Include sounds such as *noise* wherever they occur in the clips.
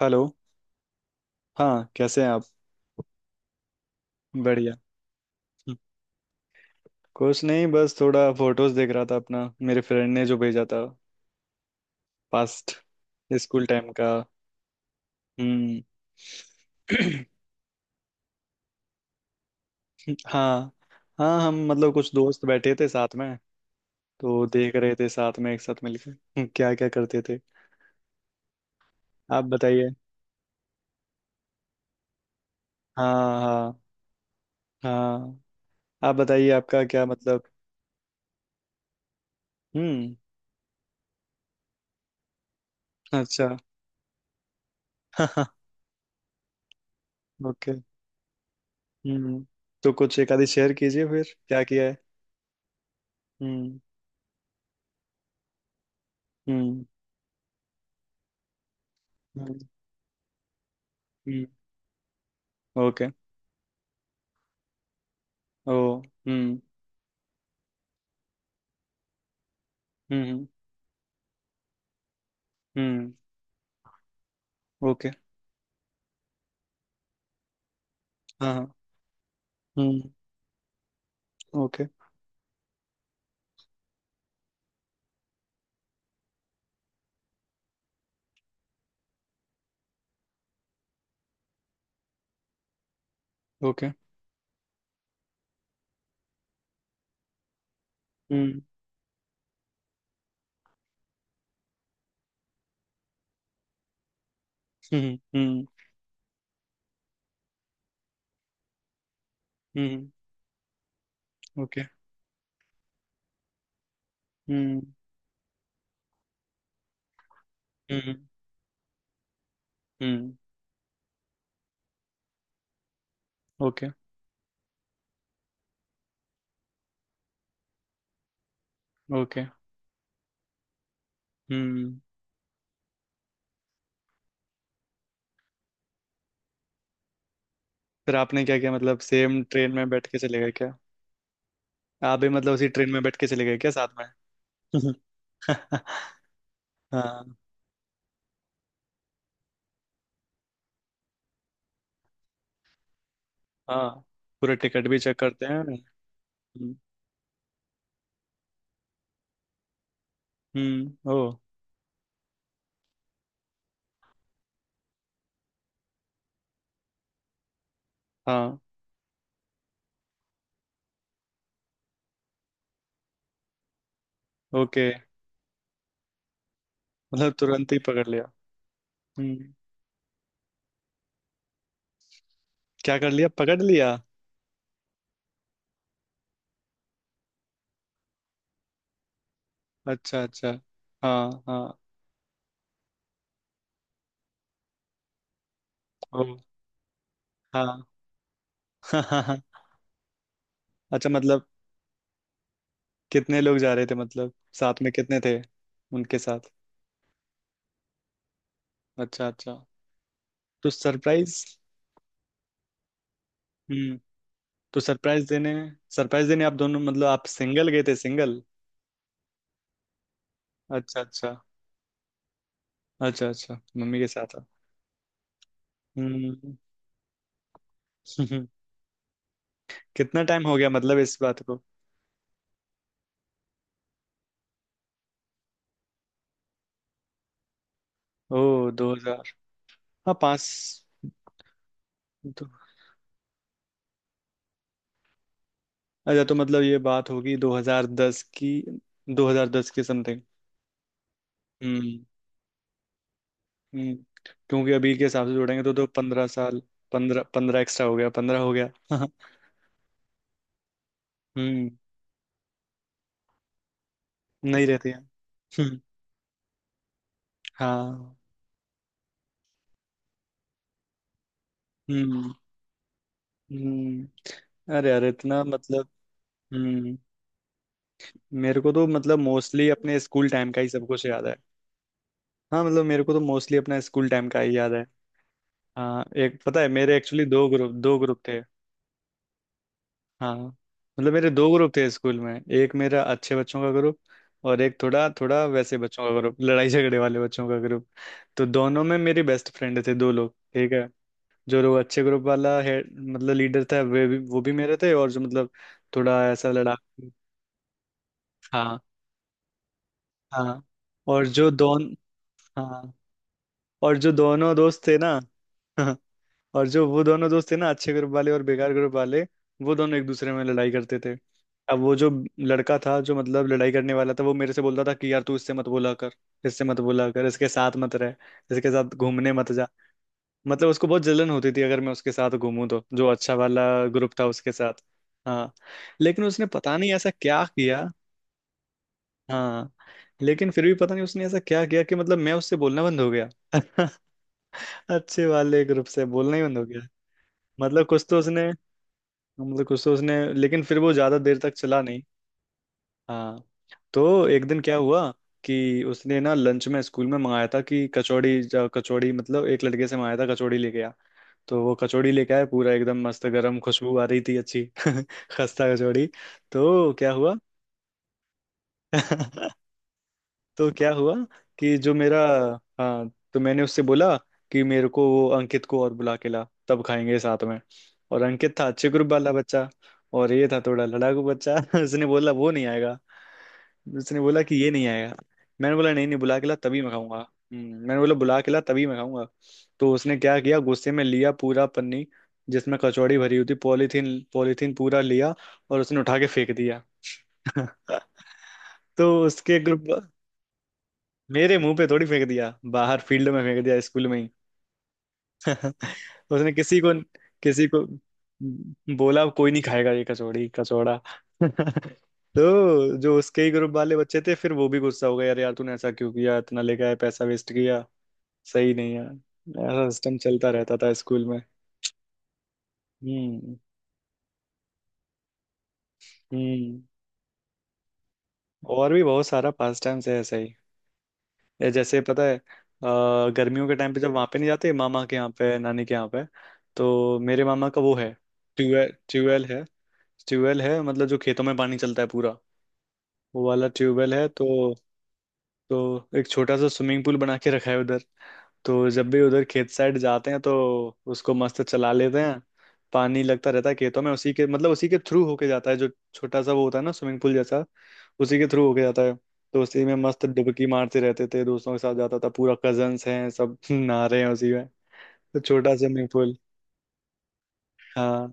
Hello. हाँ, कैसे हैं आप? बढ़िया। हम्म, कुछ नहीं बस थोड़ा फोटोज देख रहा था अपना मेरे फ्रेंड ने जो भेजा था। पास्ट। स्कूल टाइम का। हम्म। *clears throat* हाँ। हाँ, हम, मतलब कुछ दोस्त बैठे थे साथ में। तो देख रहे थे साथ में एक साथ मिलकर क्या क्या करते थे। आप बताइए। हाँ, हाँ, हाँ। आप बताइए, आपका क्या मतलब? हम्म। अच्छा। *laughs* ओके। हम्म। तो कुछ एक आधी शेयर कीजिए फिर क्या किया है। हम्म। हम्म। हम्म। हम्म, ओके। ओ। हम्म। हम्म। हम्म। ओके। हाँ, हाँ। हम्म। ओके। ओके। हम्म। हम्म। हम्म। हम्म। ओके। हम्म। हम्म। हम्म। ओके। ओके। हम्म। फिर आपने क्या किया, मतलब सेम ट्रेन में बैठ के चले गए क्या? आप भी मतलब उसी ट्रेन में बैठ के चले गए क्या साथ में? *laughs* हाँ, हाँ। पूरा टिकट भी चेक करते हैं? हम्म। ओ। हाँ। ओके। मतलब तुरंत ही पकड़ लिया? हम्म। क्या कर लिया, पकड़ लिया? अच्छा, अच्छा। हाँ, हाँ। ओ। हाँ। *laughs* हाँ, हाँ, हाँ। अच्छा मतलब कितने लोग जा रहे थे मतलब? साथ में कितने थे उनके साथ? अच्छा, अच्छा। तो सरप्राइज। हम्म। तो सरप्राइज देने। सरप्राइज देने आप दोनों, मतलब आप सिंगल गए थे सिंगल? अच्छा, अच्छा। अच्छा, अच्छा, मम्मी के साथ आप। हम्म। *laughs* कितना टाइम हो गया मतलब इस बात को? ओ, 2000। हाँ, पाँच। दो। अच्छा तो मतलब ये बात होगी 2010 की। 2010 के समथिंग। हम्म। हम्म। क्योंकि अभी के हिसाब से जोड़ेंगे तो 15 साल। पंद्रह, पंद्रह एक्स्ट्रा हो गया, पंद्रह हो गया। *laughs* हम्म। नहीं रहते हैं। हम्म, हाँ। हम्म। हम्म। अरे यार इतना मतलब। हम्म। मेरे को तो मतलब मोस्टली अपने स्कूल टाइम का ही सब कुछ याद है। हाँ मतलब मेरे को तो मोस्टली अपना स्कूल टाइम का ही याद है। हाँ, एक पता है मेरे, एक्चुअली दो ग्रुप थे। हाँ मतलब मेरे दो ग्रुप थे स्कूल में, एक मेरा अच्छे बच्चों का ग्रुप। और एक थोड़ा थोड़ा वैसे बच्चों का ग्रुप, लड़ाई झगड़े वाले बच्चों का ग्रुप। तो दोनों में मेरी बेस्ट फ्रेंड थे दो लोग, ठीक है। जो लोग अच्छे ग्रुप वाला है, मतलब लीडर था वे भी वो भी मेरे थे, और जो मतलब थोड़ा ऐसा लड़ा। हाँ, हाँ। और जो दोन हाँ। और जो दोनों दोस्त थे ना। *laughs* और जो वो दोनों दोस्त थे ना, अच्छे ग्रुप वाले और बेकार ग्रुप वाले। वो दोनों एक दूसरे में लड़ाई करते थे। अब वो जो लड़का था जो मतलब लड़ाई करने वाला था वो मेरे से बोलता था कि यार तू इससे मत बोला कर। इससे मत बोला कर, इसके साथ मत रह। इसके साथ घूमने मत जा। मतलब उसको बहुत जलन होती थी अगर मैं उसके साथ घूमूं तो, जो अच्छा वाला ग्रुप था उसके साथ। हाँ, लेकिन उसने पता नहीं ऐसा क्या किया। हाँ, लेकिन फिर भी पता नहीं उसने ऐसा क्या किया कि मतलब मैं उससे बोलना बंद हो गया। *laughs* अच्छे वाले ग्रुप से बोलना ही बंद हो गया। मतलब कुछ तो उसने मतलब कुछ तो उसने, लेकिन फिर वो ज्यादा देर तक चला नहीं। हाँ। तो एक दिन क्या हुआ कि उसने ना लंच में स्कूल में मंगाया था कि कचौड़ी, मतलब एक लड़के से मंगाया था कचौड़ी लेके आ। तो वो कचौड़ी लेके आया पूरा एकदम मस्त गरम, खुशबू आ रही थी अच्छी। *laughs* खस्ता कचौड़ी। तो क्या हुआ? *laughs* तो क्या हुआ? कि जो मेरा। हाँ तो मैंने उससे बोला कि मेरे को वो अंकित को और बुला के ला तब खाएंगे साथ में। और अंकित था अच्छे ग्रुप वाला बच्चा। और ये था थोड़ा लड़ाकू बच्चा। *laughs* उसने बोला वो नहीं आएगा। उसने बोला कि ये नहीं आएगा। मैंने बोला नहीं नहीं, बुला के ला तभी मैं खाऊंगा। मैंने बोला बुला के ला तभी मैं खाऊंगा। तो उसने क्या किया, गुस्से में लिया पूरा पन्नी जिसमें कचौड़ी भरी हुई थी, पॉलीथीन पॉलीथीन पूरा लिया। और उसने उठा के फेंक दिया। *laughs* तो उसके ग्रुप। मेरे मुंह पे थोड़ी फेंक दिया, बाहर फील्ड में फेंक दिया स्कूल में ही। *laughs* उसने किसी को बोला कोई नहीं खाएगा ये कचौड़ी कचौड़ा। *laughs* तो जो उसके ही ग्रुप वाले बच्चे थे फिर वो भी गुस्सा हो गया, यार यार तूने ऐसा क्यों किया इतना लेके आया पैसा वेस्ट किया। सही नहीं है। ऐसा सिस्टम चलता रहता था स्कूल में। हम्म। हम्म। और भी बहुत सारा पास टाइम्स है ऐसे। या जैसे पता है गर्मियों के टाइम पे जब वहां पे नहीं जाते मामा के यहाँ पे, नानी के यहाँ पे। तो मेरे मामा का वो है ट्यूबवेल। ट्यूबवेल है। ट्यूबवेल है मतलब जो खेतों में पानी चलता है पूरा। वो वाला ट्यूबवेल है। तो एक छोटा सा स्विमिंग पूल बना के रखा है उधर। तो जब भी उधर खेत साइड जाते हैं तो उसको मस्त चला लेते हैं। पानी लगता रहता है खेतों में उसी के, मतलब उसी के थ्रू होके जाता है जो छोटा सा वो होता है ना स्विमिंग पूल जैसा। उसी के थ्रू होके जाता है। तो उसी में मस्त डुबकी मारते रहते थे, दोस्तों के साथ जाता था पूरा, कजन्स हैं सब *laughs* नहा रहे हैं उसी में। तो छोटा स्विमिंग पूल। हाँ।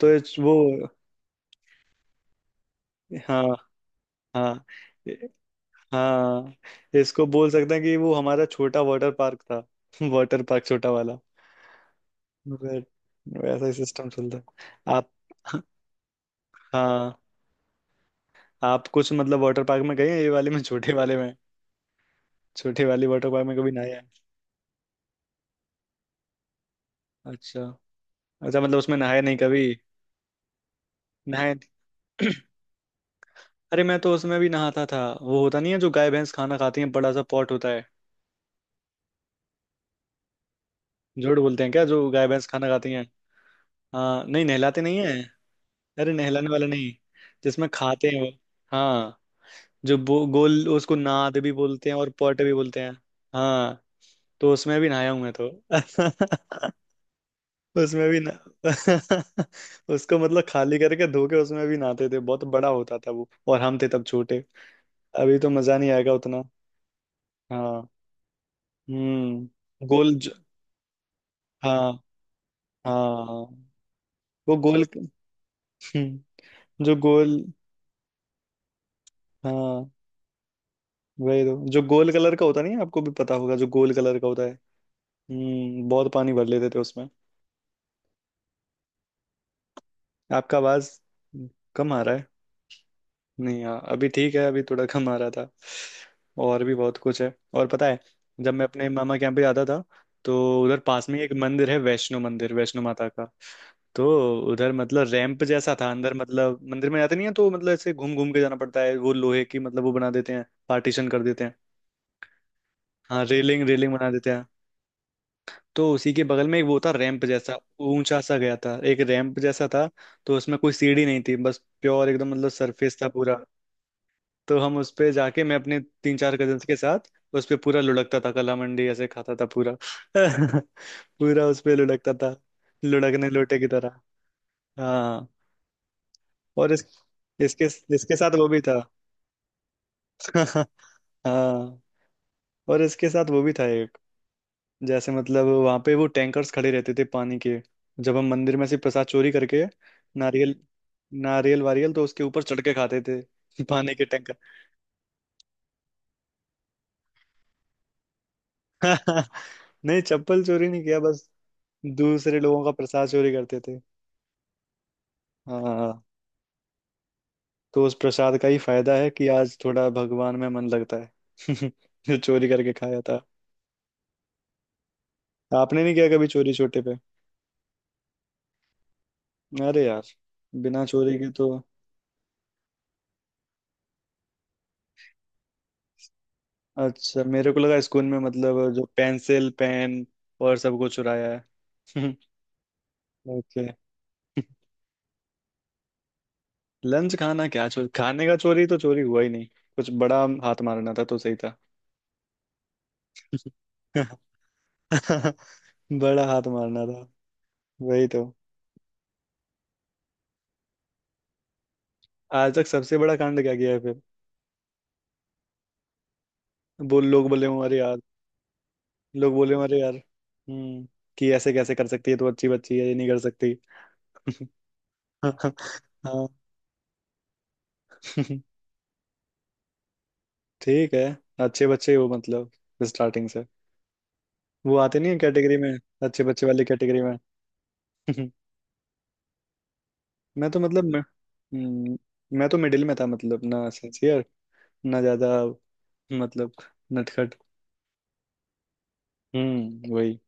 वो। हाँ, हाँ, हाँ। इसको बोल सकते हैं कि वो हमारा छोटा वाटर पार्क था। *laughs* वाटर पार्क, छोटा वाला। बट वैसा ही सिस्टम चलता है आप। हाँ। आप कुछ मतलब वाटर पार्क में गए हैं ये वाले में? *laughs* छोटे वाले में? छोटे वाले वाटर पार्क में कभी नहाए हैं? अच्छा। अच्छा मतलब उसमें नहाए नहीं कभी? नहाए नहीं। *clears throat* अरे मैं तो उसमें भी नहाता था, वो होता नहीं है जो गाय भैंस खाना खाती है बड़ा सा पॉट होता है। जोड़ बोलते हैं क्या जो गाय भैंस खाना खाती है? हाँ नहीं, नहलाते नहीं है। अरे नहलाने वाला नहीं। जिसमें खाते हैं वो। हाँ। गोल, उसको नाद भी बोलते हैं और पॉट भी बोलते हैं। हाँ। तो उसमें भी नहाया हूं मैं तो। *laughs* उसमें भी ना। *laughs* उसको मतलब खाली करके धो के उसमें भी नहाते थे, बहुत बड़ा होता था वो और हम थे तब छोटे। अभी तो मजा नहीं आएगा उतना। हाँ। गोल हाँ, हाँ, हाँ। वो गोल। *laughs* हम्म, जो गोल। हाँ वही तो, जो गोल कलर का होता नहीं है, आपको भी पता होगा जो गोल कलर का होता है। बहुत पानी भर लेते थे उसमें। आपका आवाज कम आ रहा है। नहीं, हाँ अभी ठीक है, अभी थोड़ा कम आ रहा था। और भी बहुत कुछ है। और पता है, जब मैं अपने मामा के यहाँ पे जाता था तो उधर पास में ही एक मंदिर है, वैष्णो मंदिर, वैष्णो माता का। तो उधर मतलब रैंप जैसा था अंदर, मतलब मंदिर में जाते नहीं है तो मतलब ऐसे घूम घूम के जाना पड़ता है, वो लोहे की मतलब वो बना देते हैं पार्टीशन कर देते हैं। हाँ रेलिंग, रेलिंग बना देते हैं। तो उसी के बगल में एक वो था रैंप जैसा, ऊंचा सा गया था एक रैंप जैसा था। तो उसमें कोई सीढ़ी नहीं थी, बस प्योर एकदम मतलब सरफेस था पूरा। तो हम उस पे जाके मैं अपने तीन चार कजन्स के साथ उस पे पूरा लुढ़कता था, कला मंडी ऐसे खाता था पूरा। *laughs* पूरा उस पे लुढ़कता था। लुढ़कने लोटे की तरह। हाँ और इस इसके इसके साथ वो भी था। *laughs* हाँ और इसके साथ वो भी था एक। जैसे मतलब वहां पे वो टैंकर्स खड़े रहते थे पानी के। जब हम मंदिर में से प्रसाद चोरी करके नारियल। नारियल वारियल तो उसके ऊपर चढ़ के खाते थे। *laughs* पानी के टैंकर। *laughs* नहीं, चप्पल चोरी नहीं किया, बस दूसरे लोगों का प्रसाद चोरी करते थे। हाँ। तो उस प्रसाद का ही फायदा है कि आज थोड़ा भगवान में मन लगता है, *laughs* जो चोरी करके खाया था। आपने नहीं किया कभी चोरी छोटे पे? अरे यार बिना चोरी के तो। अच्छा, मेरे को लगा स्कूल में मतलब जो पेंसिल पेन और सब कुछ चुराया है। *laughs* ओके। लंच खाना क्या चोरी? खाने का चोरी तो चोरी हुआ ही नहीं। कुछ बड़ा हाथ मारना था तो सही था। *laughs* बड़ा हाथ मारना था, वही तो। आज तक सबसे बड़ा कांड क्या किया है फिर? बोल लोग बोले हूँ अरे यार। लोग बोले हूँ अरे यार। कि ऐसे कैसे कर सकती है तो अच्छी बच्ची है ये नहीं कर सकती। *laughs* हाँ। *laughs* ठीक है, अच्छे बच्चे हो मतलब स्टार्टिंग से। वो आते नहीं है कैटेगरी में, अच्छे बच्चे वाली कैटेगरी में। *laughs* मैं तो मतलब मैं, हम्म, मैं तो मिडिल में था मतलब, ना सिंसियर ना ज्यादा, मतलब नटखट। वही।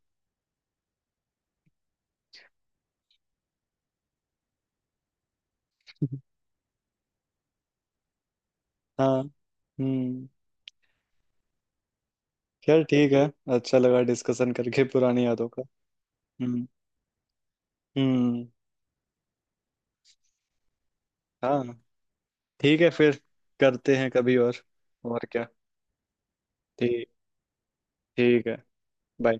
*laughs* हाँ। हम्म। खैर ठीक है। अच्छा लगा डिस्कशन करके पुरानी यादों का। हम्म। हम्म। हाँ। ठीक है फिर। करते हैं कभी और। और क्या। ठीक। ठीक है। बाय।